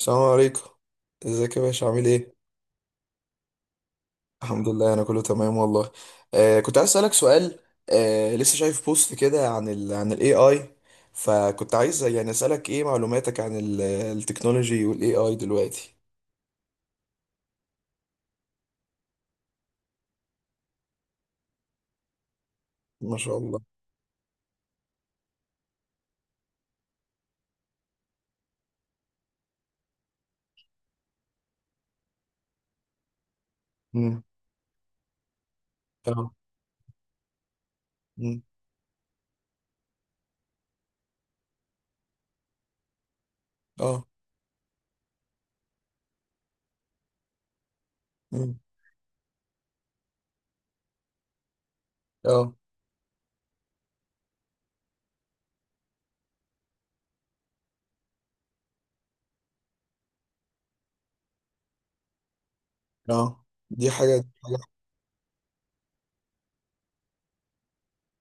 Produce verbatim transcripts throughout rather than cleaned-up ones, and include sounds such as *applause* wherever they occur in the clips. السلام عليكم. ازيك يا باشا، عامل ايه؟ الحمد لله، انا كله تمام والله. آه كنت عايز اسالك سؤال. آه لسه شايف بوست كده عن ال عن الاي اي، فكنت عايز يعني اسالك ايه معلوماتك عن ال- التكنولوجي والاي اي دلوقتي؟ ما شاء الله. امم. اه. امم. اه. امم. اه. اه، دي حاجه دي حاجه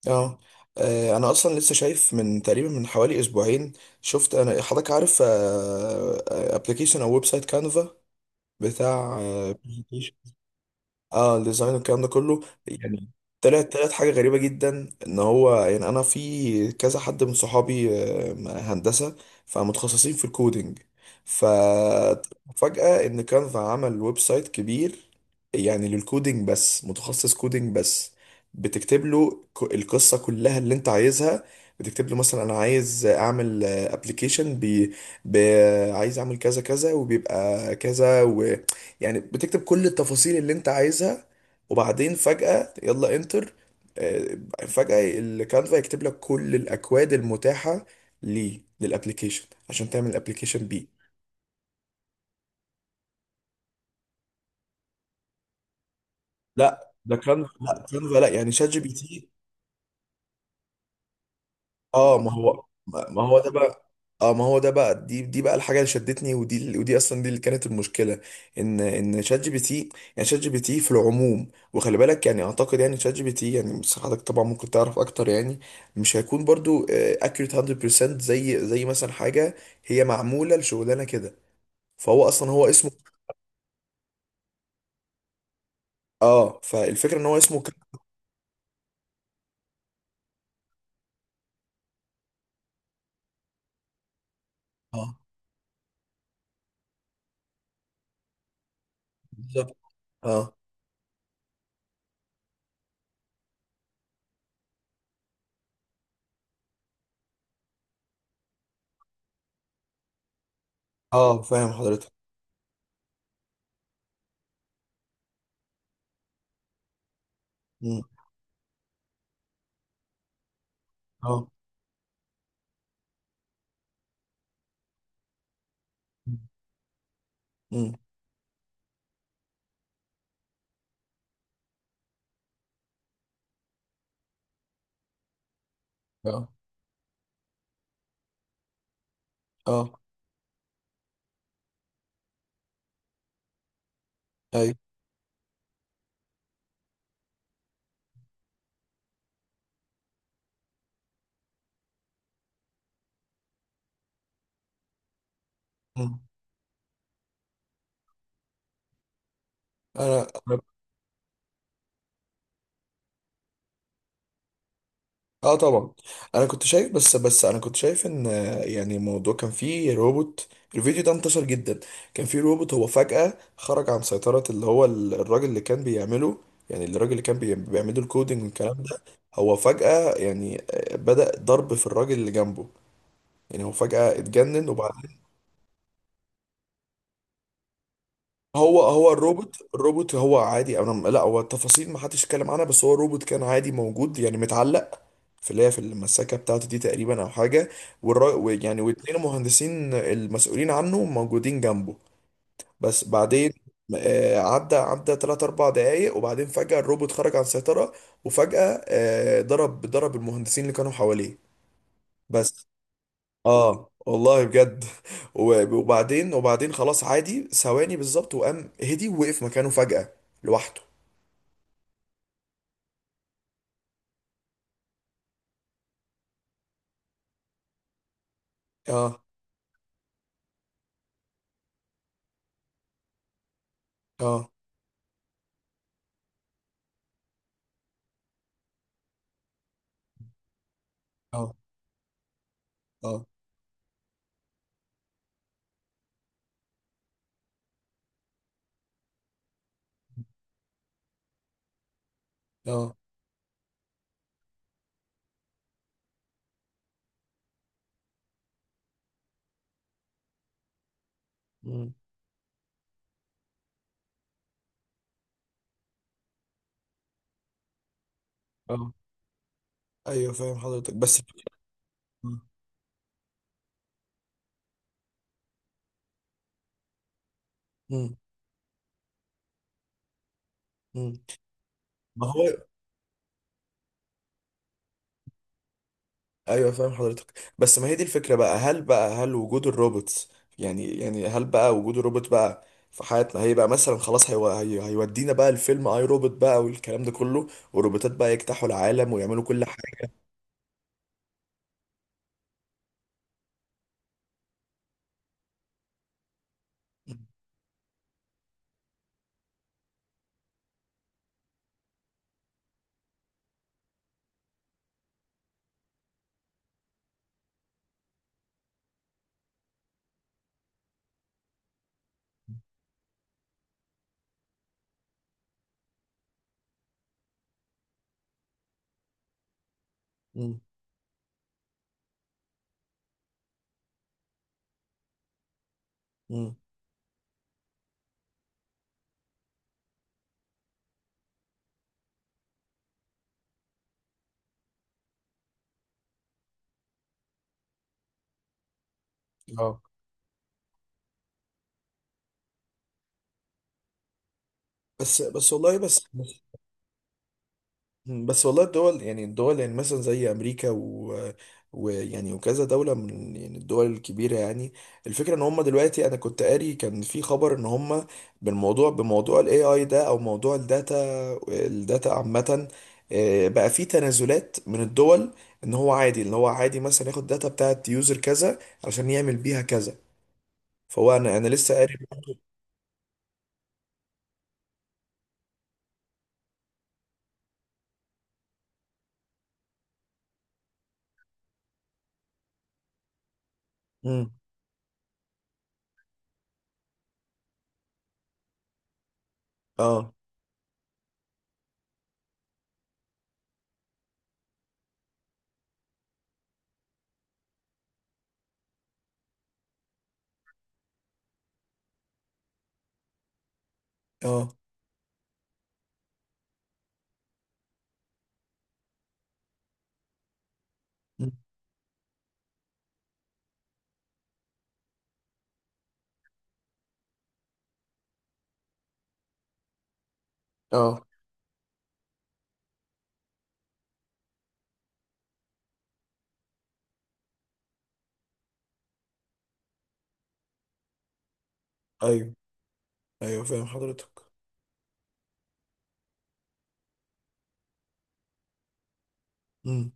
اه، آه، انا اصلا لسه شايف من تقريبا من حوالي اسبوعين، شفت انا حضرتك عارف ابلكيشن او ويب سايت كانفا بتاع. اه، الديزاين والكلام ده كله، يعني طلعت طلعت حاجه غريبه جدا، ان هو يعني انا في كذا حد من صحابي آه، هندسه، فمتخصصين في الكودينج. ففجاه ان كانفا عمل ويب سايت كبير، يعني للكودينج بس، متخصص كودينج بس. بتكتب له ك- القصه كلها اللي انت عايزها. بتكتب له مثلا انا عايز اعمل ابلكيشن بي، ب- عايز اعمل كذا كذا وبيبقى كذا، يعني بتكتب كل التفاصيل اللي انت عايزها، وبعدين فجأة يلا انتر. آه، فجأة الكانفا يكتب لك كل الاكواد المتاحة ليه للابليكيشن، عشان تعمل الابليكيشن بيه. لا، ده كانفا، لا كانفا، لا، يعني شات جي بي تي. اه، ما هو ما ما هو ده بقى. اه، ما هو ده بقى، دي دي بقى الحاجه اللي شدتني، ودي ال- ودي اصلا دي اللي كانت المشكله، ان ان شات جي بي تي، يعني شات جي بي تي في العموم، وخلي بالك، يعني اعتقد يعني شات جي بي تي يعني، بس حضرتك طبعا ممكن تعرف اكتر، يعني مش هيكون برضو اكيوريت مية في المية، زي زي مثلا حاجه هي معموله لشغلانه كده. فهو اصلا هو اسمه. اه، فالفكره ان هو اسمه ك... اه بالظبط. اه. اه، فاهم حضرتك. مم. اه. مم. اه. اه. اي. مم. انا. اه، طبعا. انا كنت شايف، بس بس انا كنت شايف ان، آه، يعني الموضوع كان فيه روبوت. الفيديو ده انتشر جدا، كان فيه روبوت هو فجأة خرج عن سيطرة اللي هو ال- الراجل اللي كان بيعمله، يعني الراجل اللي كان بي- بيعمله الكودينج والكلام ده. هو فجأة يعني آه، بدأ ضرب في الراجل اللي جنبه، يعني هو فجأة اتجنن وبعد. هو هو الروبوت الروبوت هو عادي، انا لا، هو التفاصيل ما حدش اتكلم عنها، بس هو الروبوت كان عادي موجود، يعني متعلق في اللي هي في المساكه بتاعته دي تقريبا او حاجه. والرا... و- يعني واتنين المهندسين المسؤولين عنه موجودين جنبه. بس بعدين آه، عدى عدى ثلاثة اربعه دقايق، وبعدين فجأة الروبوت خرج عن السيطرة. وفجأة آه، ضرب ضرب المهندسين اللي كانوا حواليه بس. اه والله بجد *laughs* وب- وبعدين وبعدين خلاص، عادي ثواني بالظبط وقام هدي، ووقف مكانه فجأة لوحده. اه، اه، اه، اه، اه، مم، اه، ايوه فاهم حضرتك، بس. مم، مم، مم. ما هو ايوه، فاهم حضرتك، بس ما هي دي الفكرة بقى، هل بقى، هل وجود الروبوتس، يعني يعني هل بقى وجود الروبوت بقى في حياتنا، هيبقى مثلا خلاص هيو... هي... هيودينا بقى الفيلم اي روبوت بقى والكلام ده كله، والروبوتات بقى يجتاحوا العالم ويعملوا كل حاجة؟ مم. مم. اه، بس بس والله، بس بس والله الدول، يعني الدول، يعني مثلا زي امريكا و ويعني وكذا دولة من، يعني الدول الكبيرة يعني. الفكرة ان هم دلوقتي، انا كنت قاري كان في خبر ان هم بالموضوع، بموضوع الاي اي ده، او موضوع الداتا، الداتا عامة، آه، بقى في تنازلات من الدول، ان هو عادي، ان هو عادي مثلا ياخد داتا بتاعت يوزر كذا عشان يعمل بيها كذا. فهو انا انا لسه قاري. مم. اه. اه. مم. اه. ايوه. ايوه، فاهم حضرتك. مم.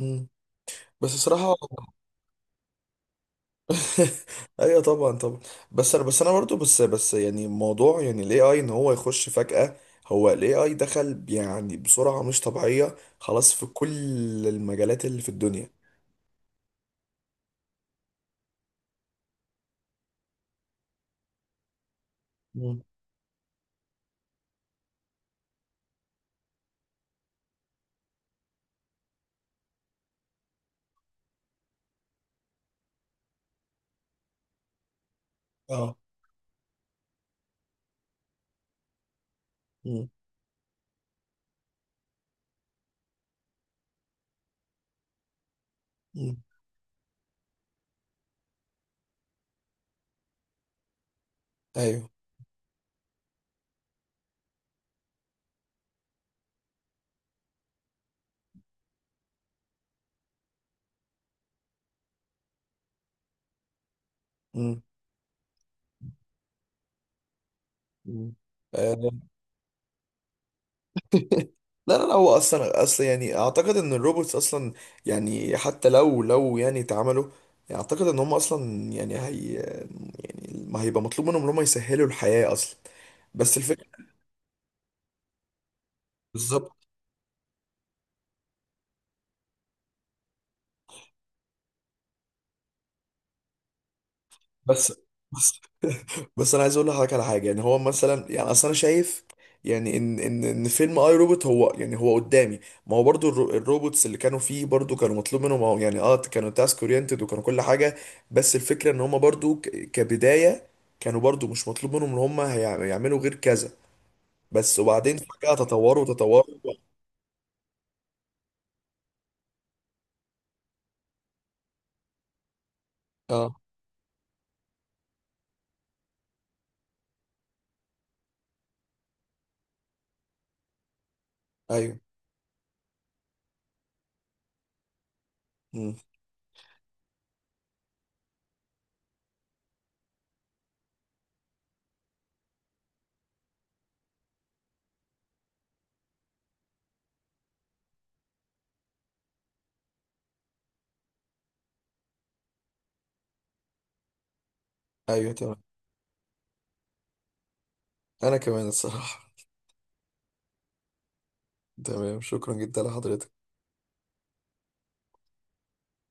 مم. بس صراحة *laughs* ايوه، طبعا، طبعا. بس انا بس انا برضو بس بس يعني موضوع، يعني الاي اي ان هو يخش فجأة. هو الاي اي دخل يعني بسرعة مش طبيعية خلاص في كل المجالات اللي في الدنيا. مم. اه. مم. مم. ايوه. مم. مم. آه، لا، لا، لا، هو اصلا اصلا يعني اعتقد ان الروبوتس اصلا، يعني حتى لو لو يعني اتعملوا، يعني اعتقد ان هم اصلا يعني، يعني ما هيبقى مطلوب منهم ان هم يسهلوا الحياة اصلا. بس الفكرة. بالظبط. بس بس بس انا عايز اقول لحضرتك على حاجه، يعني هو مثلا، يعني اصل انا شايف، يعني ان ان ان فيلم اي روبوت، هو يعني هو قدامي. ما هو برضو الرو- الروبوتس اللي كانوا فيه برضو كانوا مطلوب منهم، هو يعني اه كانوا تاسك اورينتد وكانوا كل حاجه، بس الفكره ان هم برضو ك- كبدايه كانوا برضو مش مطلوب منهم ان هم هيع- يعملوا غير كذا، بس وبعدين فجاه تطوروا تطوروا. اه، ايوه. مم. ايوه، تمام. انا كمان الصراحه. تمام، شكرا جدا لحضرتك.